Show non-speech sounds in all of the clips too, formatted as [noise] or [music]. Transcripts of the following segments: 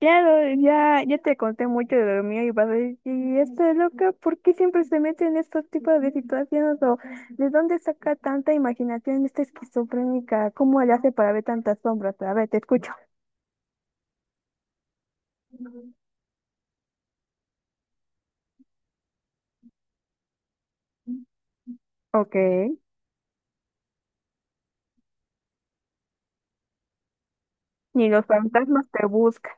Claro, ya, ya te conté mucho de lo mío y vas a decir, "Y esta loca, ¿por qué siempre se mete en estos tipos de situaciones? ¿O de dónde saca tanta imaginación esta esquizofrénica? ¿Cómo le hace para ver tantas sombras?" A ver, te escucho. Ok, ni los fantasmas te buscan.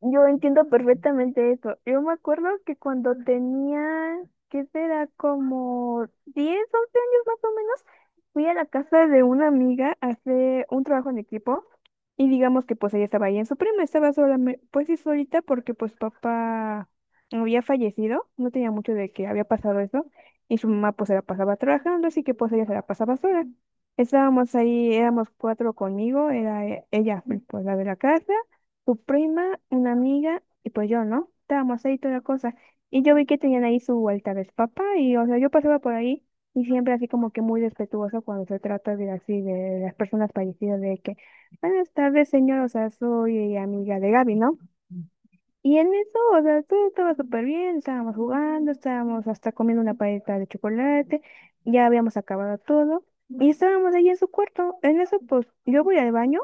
Yo entiendo perfectamente eso. Yo me acuerdo que cuando tenía, ¿qué será? Como 10 11 años más o menos, fui a la casa de una amiga a hacer un trabajo en equipo y digamos que pues ella estaba ahí en su prima, estaba sola, pues sí solita porque pues papá había fallecido, no tenía mucho de que había pasado eso y su mamá pues se la pasaba trabajando, así que pues ella se la pasaba sola. Estábamos ahí, éramos cuatro conmigo, era ella, pues la de la casa tu prima, una amiga y pues yo, ¿no? Estábamos ahí toda la cosa. Y yo vi que tenían ahí su vuelta de papá y, o sea, yo pasaba por ahí y siempre así como que muy respetuoso cuando se trata de así, de las personas fallecidas, de que, buenas tardes, señor, o sea, soy amiga de Gaby, ¿no? Y en eso, o sea, todo estaba súper bien, estábamos jugando, estábamos hasta comiendo una paleta de chocolate, ya habíamos acabado todo y estábamos ahí en su cuarto. En eso, pues, yo voy al baño.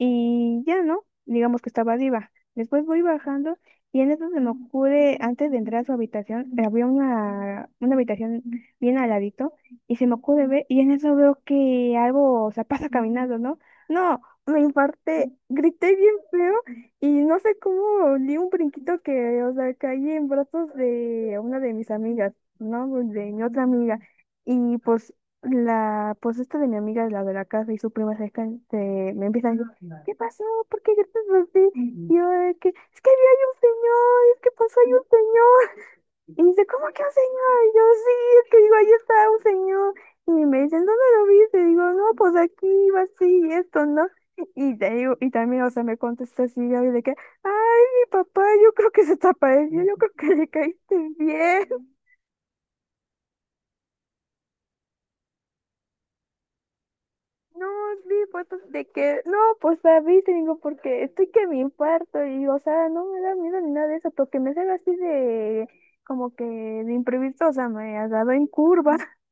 Y ya, ¿no? Digamos que estaba arriba. Después voy bajando y en eso se me ocurre, antes de entrar a su habitación, había una habitación bien al ladito, y se me ocurre ver, y en eso veo que algo, o sea, pasa caminando, ¿no? No, me infarté, grité bien feo, y no sé cómo di un brinquito que, o sea, caí en brazos de una de mis amigas, ¿no? Pues, de mi otra amiga, y pues la, pues esta de mi amiga, la de la casa, y su prima cerca, me empiezan a decir, ¿qué pasó? ¿Por qué gritas así? Y yo, de que, es que había un señor, es que pasó, hay un señor. Y dice, ¿cómo que un señor? Y yo, sí, es que digo, ahí está un señor. Y me dicen, ¿dónde lo viste? Y digo, no, pues aquí iba así, y esto, ¿no? Y te digo, y también, o sea, me contesta así, Gaby, de que, ay, mi papá, yo creo que se te apareció, yo creo que le caíste bien. [laughs] No, sí, pues, pues, de que, no, pues, David, te digo, porque estoy que me infarto, y, o sea, no me da miedo ni nada de eso, porque me sale así de, como que de imprevisto, o sea, me ha dado en curva. [laughs]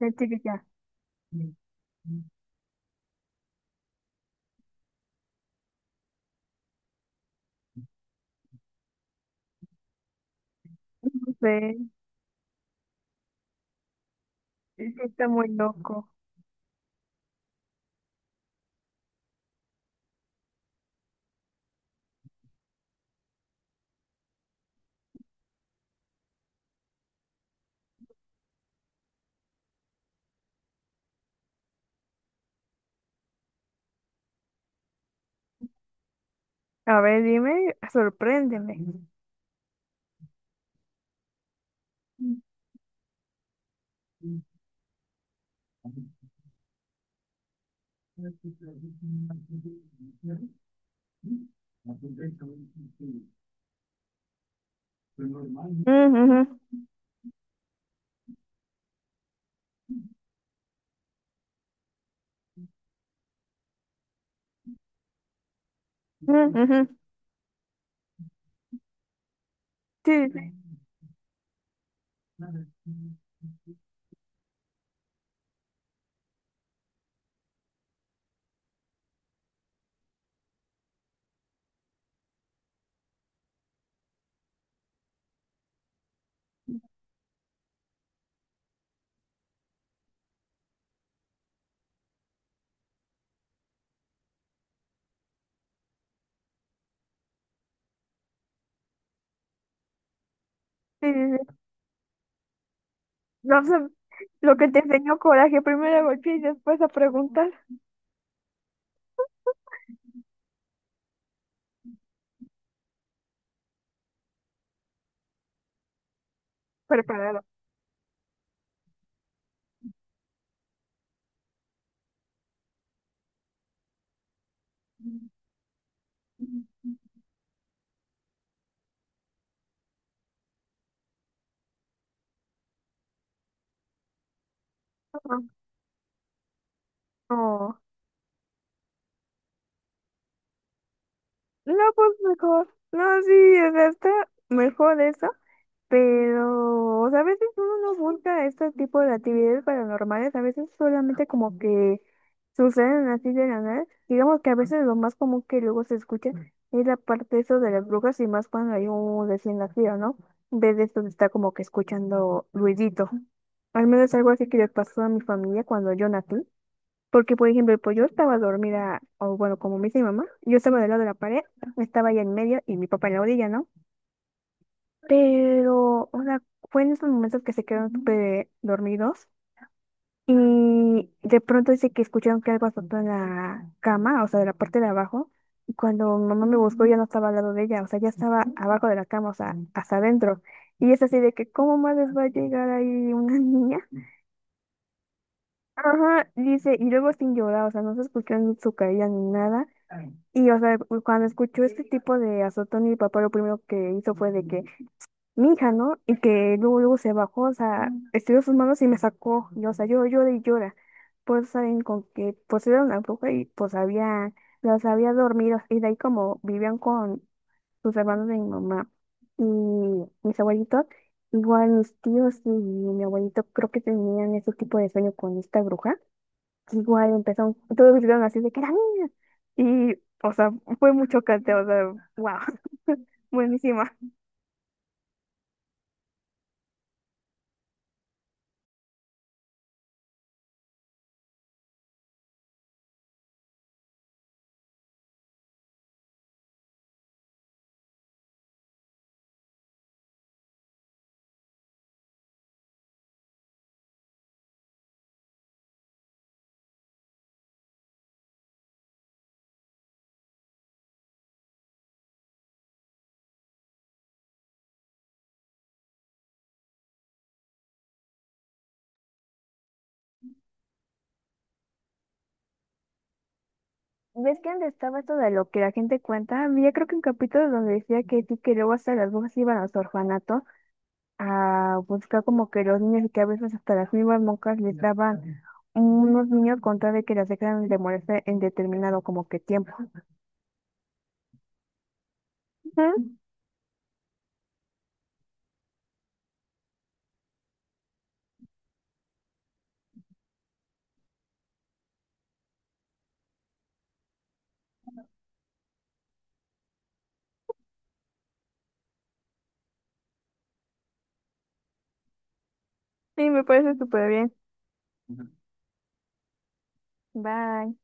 La chica ya, no sé. Sí, sí, está muy loco. A ver, dime, sorpréndeme. Mm, ujú. Mm, ujú. Sí, sí, sí, sí, sí, sí. No sé, lo que te enseñó coraje, primero a golpear y después a preguntar. Preparado. No, no, no, pues mejor. No, sí, o sea, está mejor eso. Pero, o sea, a veces uno no busca este tipo de actividades paranormales, a veces solamente como que suceden así de la nada. Digamos que a veces lo más común que luego se escucha es la parte eso de las brujas y más cuando hay un recién nacido, ¿no? En vez de esto de estar como que escuchando ruidito. Al menos algo así que le pasó a mi familia cuando yo nací. Porque, por ejemplo, pues yo estaba dormida, o bueno, como me dice mi mamá, yo estaba del lado de la pared, estaba allá en medio y mi papá en la orilla, ¿no? Pero, o sea, fue en esos momentos que se quedaron súper dormidos y de pronto dice que escucharon que algo azotó en la cama, o sea, de la parte de abajo. Y cuando mamá me buscó ya no estaba al lado de ella, o sea, ya estaba abajo de la cama, o sea, hasta adentro. Y es así de que, ¿cómo más les va a llegar ahí una [laughs] niña? Ajá, dice, y luego sin llorar, o sea, no se escuchó ni su caída ni nada. Y, o sea, cuando escuchó este tipo de azotón, mi papá lo primero que hizo fue de que mi hija, ¿no? Y que luego, luego se bajó, o sea, estiró sus manos y me sacó, y, o sea, yo llora y llora. Pues saben con que, pues era una bruja y pues había, los había dormidos, y de ahí como vivían con sus hermanos de mi mamá y mis abuelitos, igual mis tíos y mi abuelito creo que tenían ese tipo de sueño con esta bruja, igual empezaron, todos gritaron así de que era niña, y, o sea, fue muy chocante, o sea, wow, [laughs] buenísima. ¿Ves que antes estaba esto de lo que la gente cuenta? Había creo que un capítulo donde decía que sí, que luego hasta las monjas iban a los orfanatos a buscar como que los niños y que a veces hasta las mismas monjas les daban unos niños con tal de que las dejaran de molestar en determinado como que tiempo. Ujú. Sí, me parece súper bien. Bye.